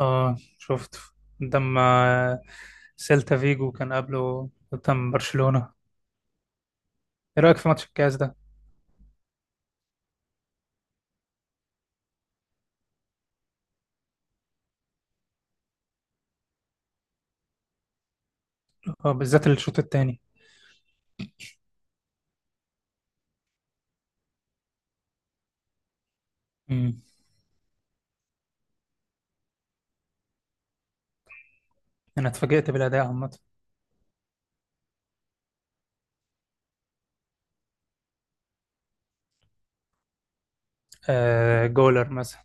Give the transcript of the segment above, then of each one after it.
اه، شفت قدام سيلتا فيجو كان قبله قدام برشلونة. ايه رأيك في ماتش الكاس ده؟ اه، بالذات الشوط الثاني. امم. انا اتفاجئت بالاداء عامة. جولر مثلا.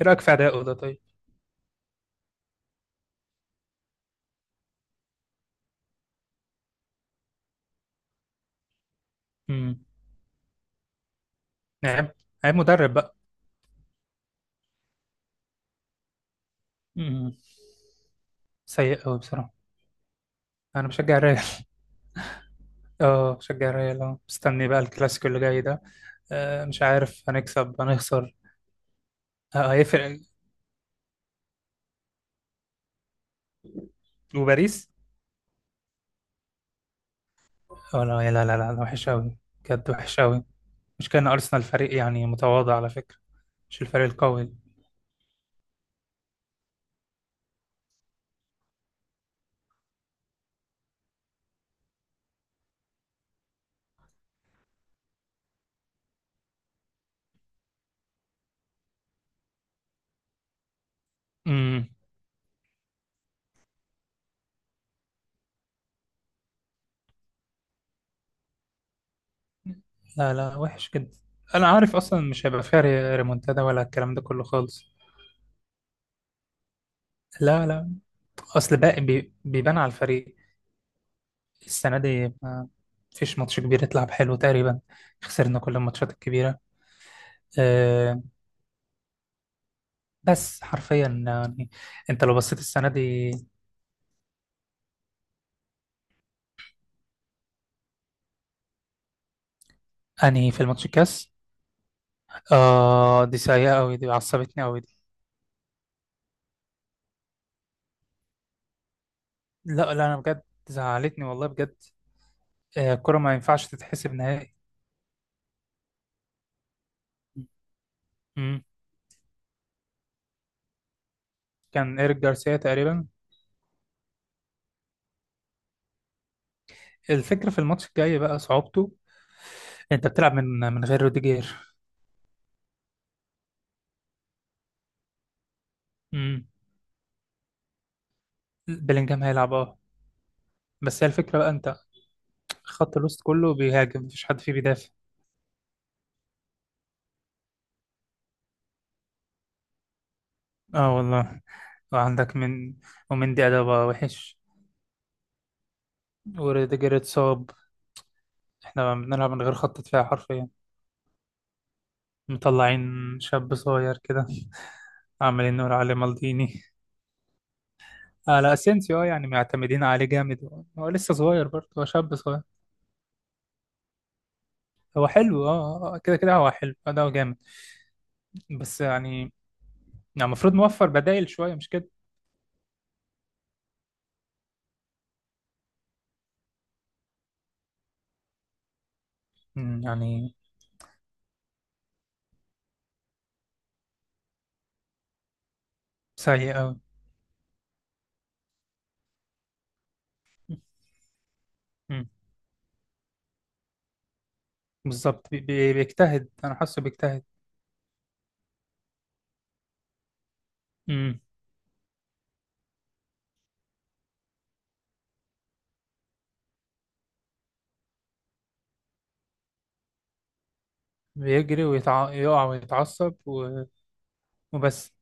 ايه رأيك في اداؤه ده طيب؟ امم. عيب. عيب مدرب بقى. امم. سيء قوي بصراحة. انا بشجع الريال. اه، بشجع الريال. اه مستني بقى الكلاسيكو اللي جاي ده. مش عارف هنكسب هنخسر. هيفرق. وباريس. اه، لا لا لا لا لا، وحش قوي. بجد وحش قوي. مش كان أرسنال فريق يعني متواضع على فكرة؟ مش الفريق القوي. امم. لا لا، وحش جدا. أنا عارف أصلا مش هيبقى فيها ريمونتادا ولا الكلام ده كله خالص. لا لا. أصل بقى بيبان على الفريق. السنة دي ما فيش ماتش كبير يتلعب حلو تقريبا. خسرنا كل الماتشات الكبيرة. أه. بس حرفيا يعني أنت لو بصيت السنة دي. أنهي في الماتش الكاس؟ دي سيئة أوي، دي عصبتني أوي. لا لا، انا بجد زعلتني والله بجد. الكرة ما ينفعش تتحسب نهائي. مم. كان ايريك جارسيا تقريبا. الفكرة في الماتش الجاي بقى صعوبته. انت بتلعب من غير روديجير. مم. بلينجهام هيلعب اه. بس هي الفكرة بقى انت خط الوسط كله بيهاجم مفيش حد فيه بيدافع. اه والله. وعندك من ومن دي بقى وحش. وروديجير اتصاب. احنا بنلعب من غير خط دفاع حرفيا. مطلعين شاب صغير كده، عمالين نقول عليه مالديني. لا، اسينسيو. اه يعني معتمدين عليه جامد، هو لسه صغير برضه، هو شاب صغير. هو حلو اه. كده كده هو حلو، اداؤه جامد. بس يعني المفروض نوفر بدائل شويه مش كده؟ يعني سيء قوي. بالظبط، بيجتهد، انا حاسه بيجتهد. مم. بيجري يقع ويتعصب و، وبس.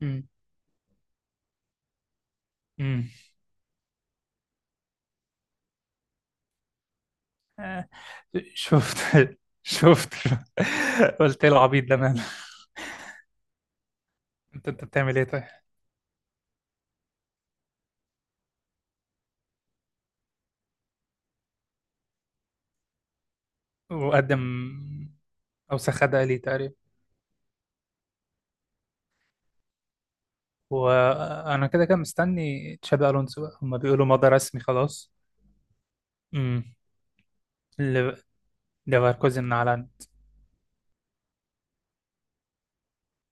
مم. مم. آه. شفت. شفت قلت ايه العبيط ده ماله؟ انت بتعمل ايه طيب؟ وقدم اوسخ اداء ليه تقريبا. وانا كده كده مستني تشابي الونسو بقى، هما بيقولوا مضى رسمي خلاص. امم. ل- ليفركوزن اعلن.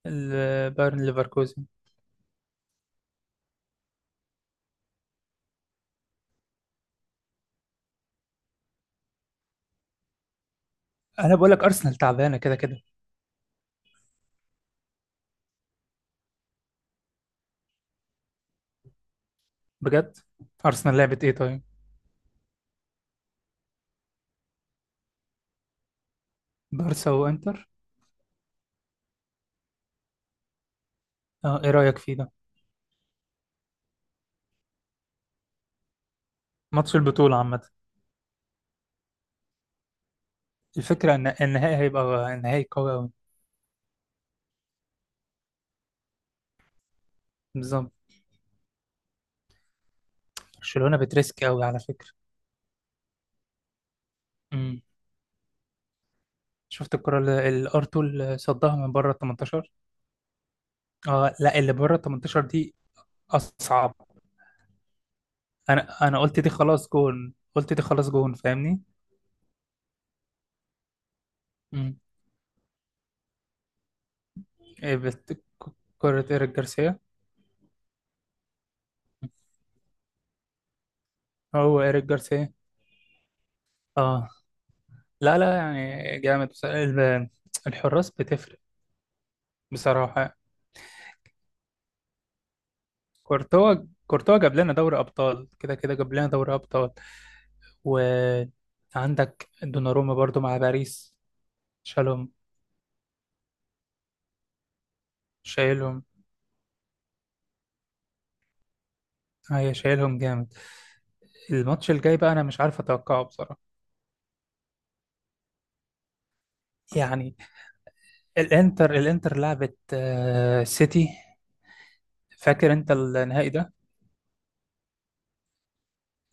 بايرن ليفركوزن. انا بقول لك ارسنال تعبانه كده كده. بجد ارسنال لعبت ايه طيب؟ بارسا وانتر. اه، ايه رايك فيه ده؟ ماتش البطوله عامه. الفكره ان النهائي هيبقى النهائي قوي قوي. بالظبط. برشلونه بتريسك قوي على فكره. امم. شفت الكره اللي الارتو اللي صدها من بره ال 18. اه لا، اللي بره ال 18 دي اصعب. انا قلت دي خلاص جون، قلت دي خلاص جون، فاهمني. مم. إيه ك- كرة إيريك جارسيا. هو إيريك جارسيا. اه. لا لا، يعني جامد، الحراس بتفرق، بصراحة. كورتوا، كورتوا جاب لنا دوري أبطال، كده كده جاب لنا دوري أبطال. وعندك دوناروما برضو مع باريس. شالهم. شايلهم. هي شايلهم جامد. الماتش الجاي بقى أنا مش عارف أتوقعه بصراحة. يعني الإنتر لعبت سيتي. فاكر انت النهائي ده؟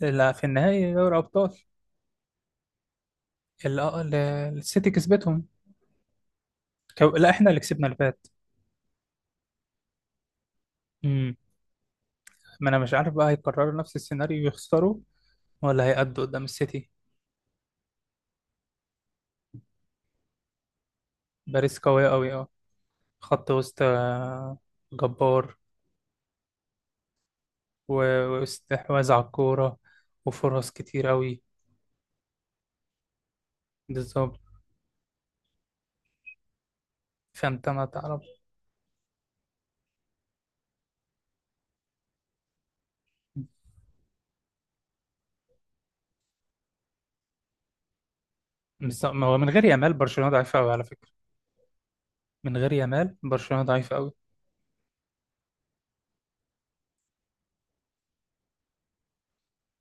اللي في النهائي دوري ابطال، اللي السيتي كسبتهم. لا، احنا اللي كسبنا اللي فات. امم. ما انا مش عارف بقى هيكرروا نفس السيناريو يخسروا، ولا هيأدوا قدام السيتي. باريس قوية قوي اه. خط وسط جبار. و- واستحواذ على الكورة، وفرص كتير قوي. بالظبط، فانت ما تعرف. بالظبط، ما هو من غير يامال برشلونة ضعيفة قوي على فكرة. من غير يامال برشلونة ضعيفة قوي.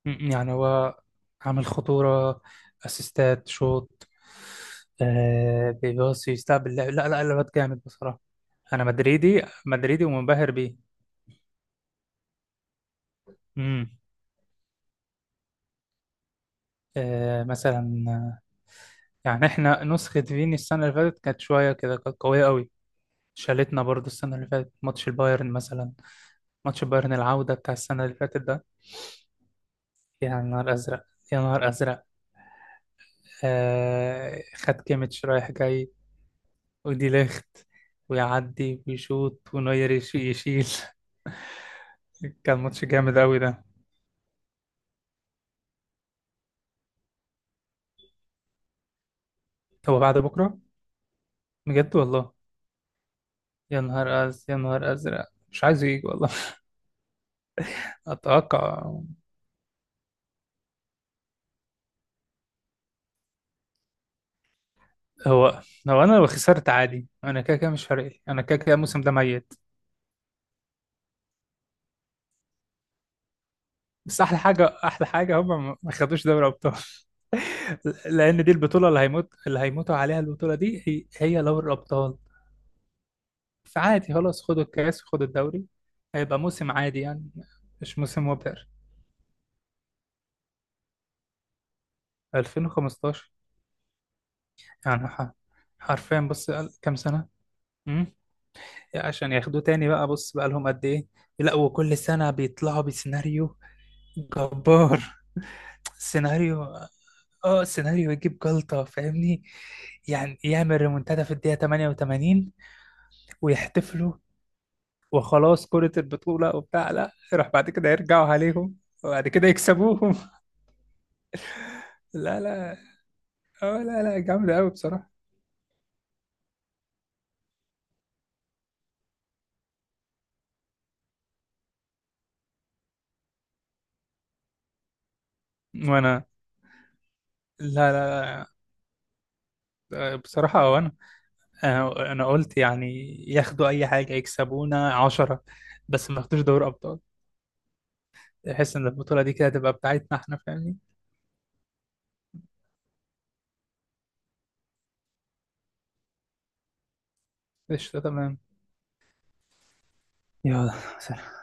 يعني هو عامل خطورة، اسيستات، شوط. بيباصي، يستقبل، لعب. لا لا، لعبات جامد بصراحة. انا مدريدي مدريدي ومنبهر بيه. امم. مثلا، يعني احنا نسخة فيني السنة اللي فاتت كانت شوية كده، كانت قوية قوي. شالتنا برضو السنة اللي فاتت ماتش البايرن مثلا. ماتش البايرن العودة بتاع السنة اللي فاتت ده. يا نهار أزرق، يا نهار أزرق. خد كيميتش رايح جاي ودي لخت، ويعدي ويشوط ونوير يشيل. كان ماتش جامد أوي ده. هو بعد بكرة. بجد والله. يا نهار أزرق، مش عايز يجي والله. أتوقع. هو لو أنا لو خسرت عادي، أنا كده كده مش فارق لي، أنا كده كده الموسم ده ميت. بس أحلى حاجة، أحلى حاجة هم ما خدوش دوري أبطال. لأن دي البطولة اللي هيموتوا عليها، البطولة دي هي دوري الأبطال. فعادي خلاص، خدوا الكاس وخدوا الدوري، هيبقى موسم عادي يعني، مش موسم مبهر. 2015. يعني حرفيا بص كام سنة. امم. عشان ياخدوه تاني بقى، بص بقى لهم قد ايه. لا، وكل سنة بيطلعوا بسيناريو جبار. سيناريو. اه، سيناريو يجيب جلطة فاهمني. يعني يعمل ريمونتادا في الدقيقة 88، ويحتفلوا وخلاص، كرة البطولة وبتاع، لا، يروح بعد كده يرجعوا عليهم وبعد كده يكسبوهم. لا لا. اه لا لا، جامدة قوي بصراحة. وانا. لا لا. لا، بصراحة. وانا، انا قلت يعني ياخدوا اي حاجه، يكسبونا عشرة، بس ما ياخدوش دوري ابطال. احس ان البطوله دي كده تبقى بتاعتنا احنا، فاهمني. قشطه تمام. يلا سلام.